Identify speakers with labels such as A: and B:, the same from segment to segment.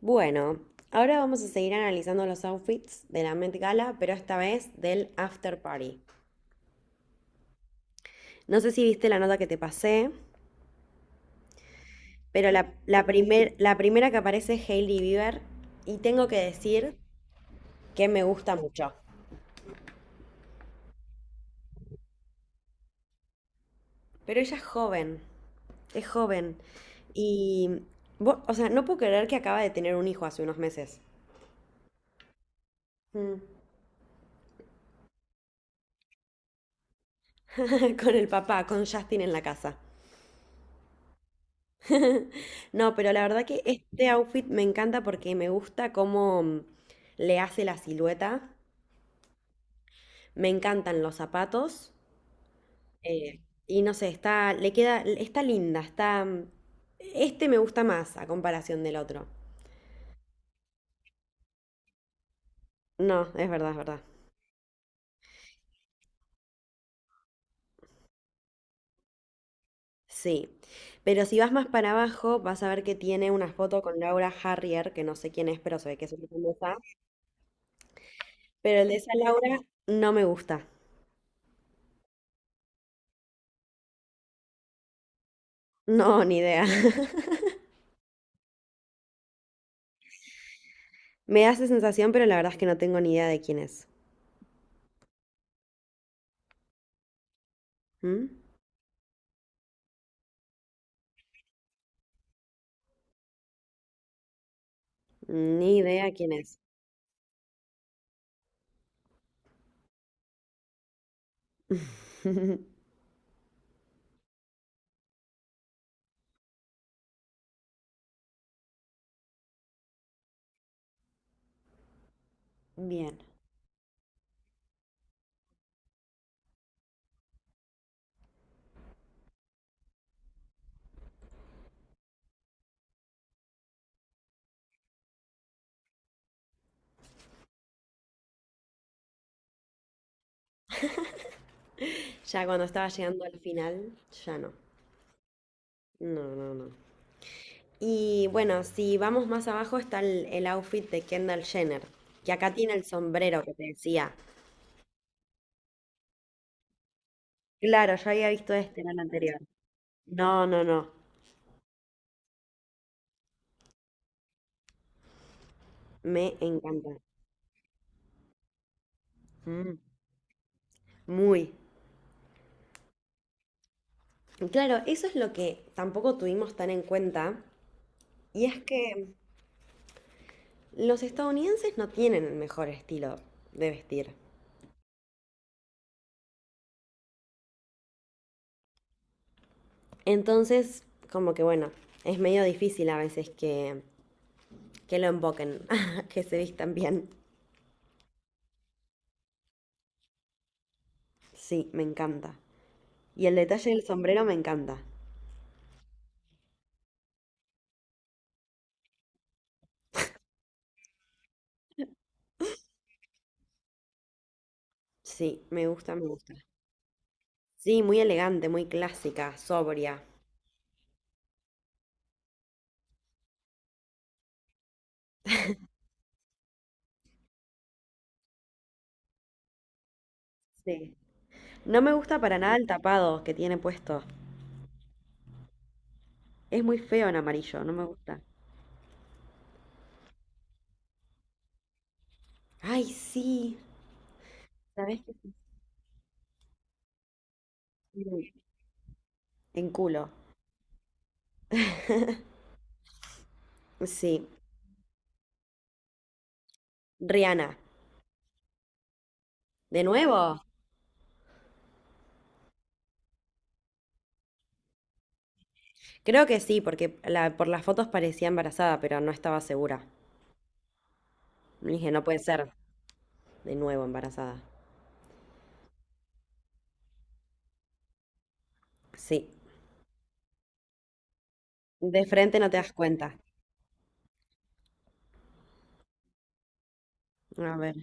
A: Bueno, ahora vamos a seguir analizando los outfits de la Met Gala, pero esta vez del after party. No sé si viste la nota que te pasé, pero la primera que aparece es Hailey Bieber y tengo que decir que me gusta mucho. Pero ella es joven, es joven. Y, o sea, no puedo creer que acaba de tener un hijo hace unos meses. Mm. Con el papá, con Justin en la casa. No, pero la verdad que este outfit me encanta porque me gusta cómo le hace la silueta. Me encantan los zapatos. eh, y no sé, está, le queda, está linda, Este me gusta más a comparación del otro. No, es verdad, es verdad. Sí. Pero si vas más para abajo, vas a ver que tiene una foto con Laura Harrier, que no sé quién es, pero se ve que es una famosa. Pero el de esa Laura no me gusta. No, ni idea. Me da esa sensación, pero la verdad es que no tengo ni idea de quién es. ¿Mm? Ni idea quién es. Bien. Ya cuando estaba llegando al final, ya no. No, no, no. Y bueno, si vamos más abajo está el outfit de Kendall Jenner, que acá tiene el sombrero que te decía. Claro, yo había visto este en el anterior. No, no, no. Me encanta. Mm. Muy. Claro, eso es lo que tampoco tuvimos tan en cuenta, y es que los estadounidenses no tienen el mejor estilo de vestir. Entonces, como que bueno, es medio difícil a veces que lo emboquen, que se vistan bien. Sí, me encanta. Y el detalle del sombrero me encanta. Sí, me gusta, me gusta. Sí, muy elegante, muy clásica, sobria. Sí. No me gusta para nada el tapado que tiene puesto. Es muy feo en amarillo, no me gusta. Ay, sí. ¿Sabés qué? Sí. En culo. Sí. Rihanna. ¿De nuevo? Creo que sí, porque por las fotos parecía embarazada, pero no estaba segura. Le dije, no puede ser. De nuevo embarazada. Sí. De frente no te das cuenta. A ver.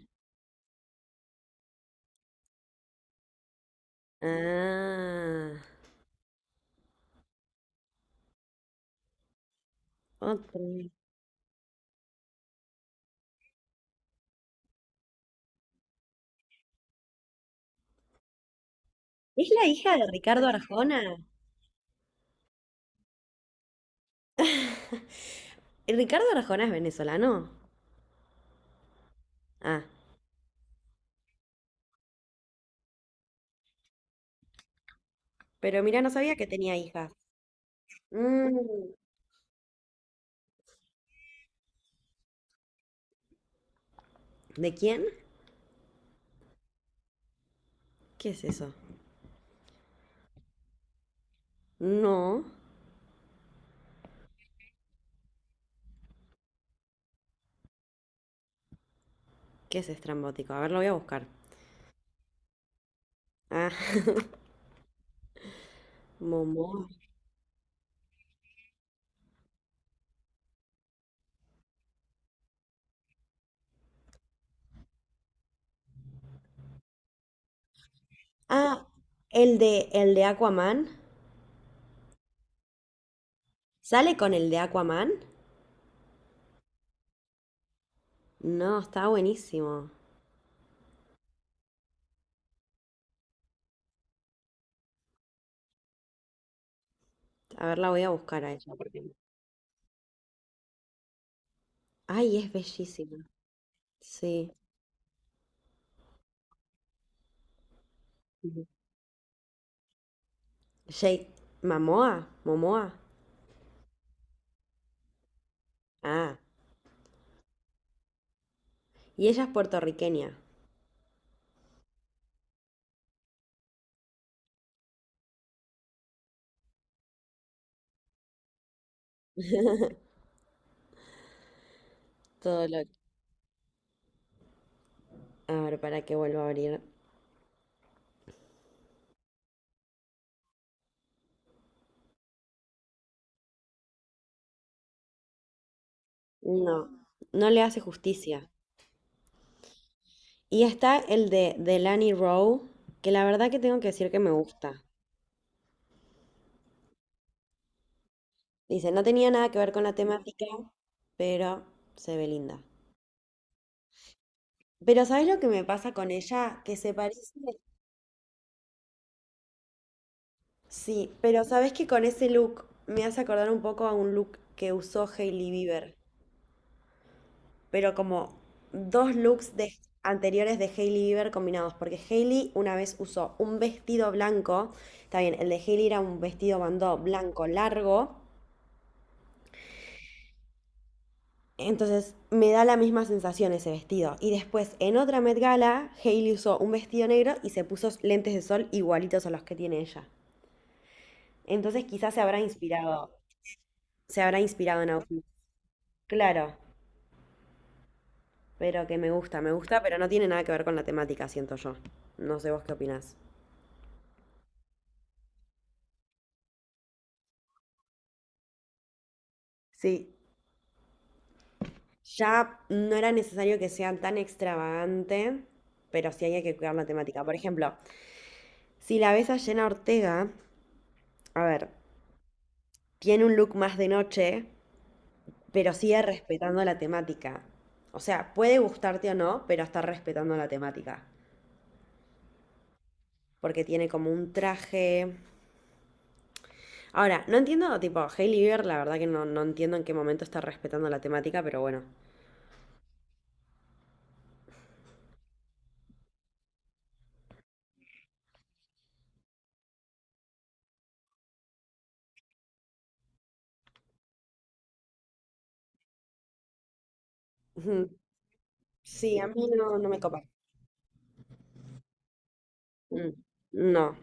A: Ah, otra. ¿Es la hija de Ricardo Arjona? ¿El Ricardo Arjona es venezolano? Ah, pero mira, no sabía que tenía hijas. Mm. ¿De quién? ¿Qué es eso? No. ¿Qué es estrambótico? A ver, lo voy a buscar. Ah, momo. Ah, el de Aquaman. ¿Sale con el de Aquaman? No, está buenísimo. A ver, la voy a buscar ahí. Ay, es bellísima. Sí. Ujú. Jay Mamoa, Momoa. Ah, y ella es puertorriqueña. Todo lo... A ver, para que vuelva a abrir. No, no le hace justicia. Y está el de Delany Rowe, que la verdad que tengo que decir que me gusta. Dice, no tenía nada que ver con la temática, pero se ve linda. Pero ¿sabes lo que me pasa con ella? Que se parece... Sí, pero ¿sabes que con ese look me hace acordar un poco a un look que usó Hailey Bieber? Pero como dos anteriores de Hailey Bieber combinados, porque Hailey una vez usó un vestido blanco, está bien, el de Hailey era un vestido bandó blanco largo, entonces me da la misma sensación ese vestido. Y después en otra Met Gala, Hailey usó un vestido negro y se puso lentes de sol igualitos a los que tiene ella. Entonces quizás se habrá inspirado en outfits. Claro, pero que me gusta, pero no tiene nada que ver con la temática, siento yo. No sé vos qué opinás. Sí, ya no era necesario que sea tan extravagante, pero sí había que cuidar la temática. Por ejemplo, si la ves a Jenna Ortega, a ver, tiene un look más de noche, pero sigue respetando la temática. O sea, puede gustarte o no, pero está respetando la temática. Porque tiene como un traje. Ahora, no entiendo, tipo, Hailey Bieber, la verdad que no, no entiendo en qué momento está respetando la temática, pero bueno. Ujú. Sí, a mí no, no me copa. Mm. No.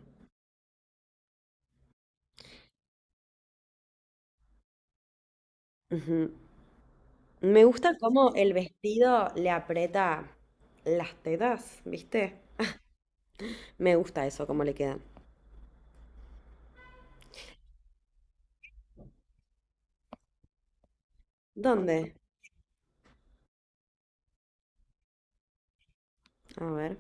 A: Ujú. Me gusta cómo el vestido le aprieta las tetas, ¿viste? Me gusta eso, cómo le quedan. ¿Dónde? A ver.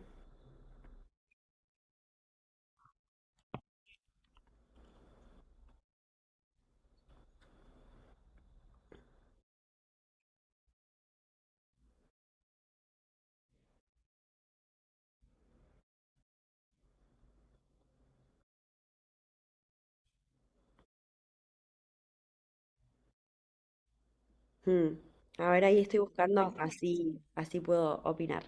A: Hmm. A ver, ahí estoy buscando, así, así puedo opinar.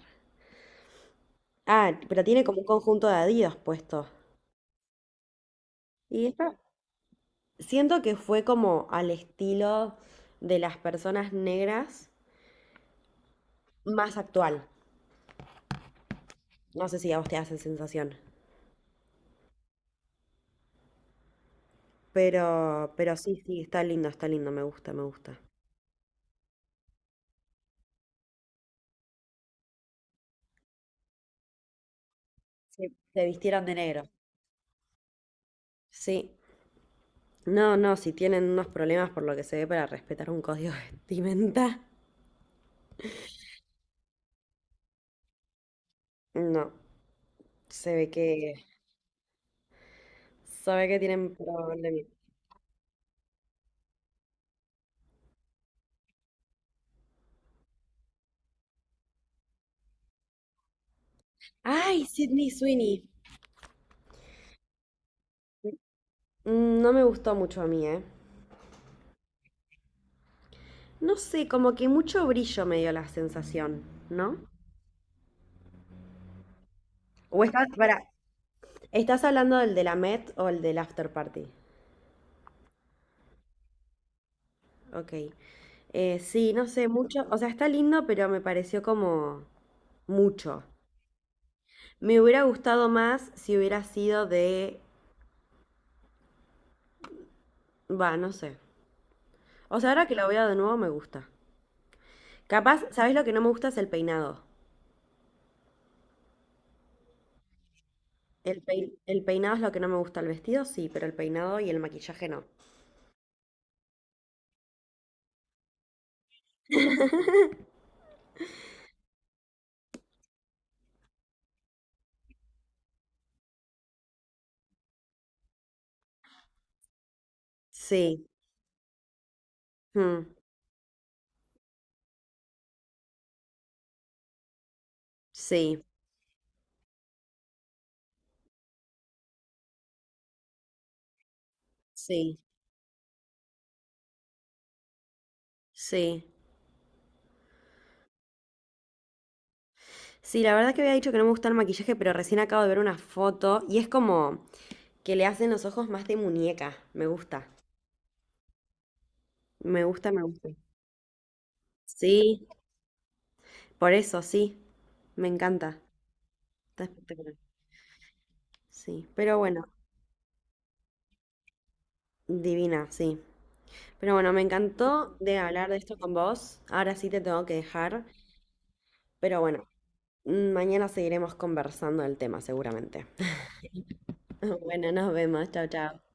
A: Ah, pero tiene como un conjunto de Adidas puesto. Y esta, siento que fue como al estilo de las personas negras más actual. No sé si a vos te hace sensación. Pero sí, sí, está lindo, me gusta, me gusta. Se, se vistieron de negro. Sí, no, no, si tienen unos problemas por lo que se ve para respetar un código de vestimenta, no, se ve que, se ve que tienen problemas. ¡Ay, Sydney Sweeney! Mm, no me gustó mucho a mí, ¿eh? No sé, como que mucho brillo me dio la sensación, ¿no? O estás, para, ¿estás hablando del de la Met o el del After Party? Ok. Sí, no sé, mucho, o sea, está lindo, pero me pareció como mucho. Me hubiera gustado más si hubiera sido de. Va, no sé. O sea, ahora que lo veo de nuevo me gusta. Capaz, ¿sabés lo que no me gusta? Es el peinado. El peinado es lo que no me gusta. El vestido sí, pero el peinado y el maquillaje no. Sí, mm, sí, sí, sí. Sí, la verdad que había dicho que no me gusta el maquillaje, pero recién acabo de ver una foto y es como que le hacen los ojos más de muñeca. Me gusta, me gusta, me gusta. Sí, por eso, sí, me encanta. Está espectacular. Sí, pero bueno, divina, sí. Pero bueno, me encantó de hablar de esto con vos. Ahora sí te tengo que dejar, pero bueno, mañana seguiremos conversando del tema seguramente. Bueno, nos vemos. Chao, chao.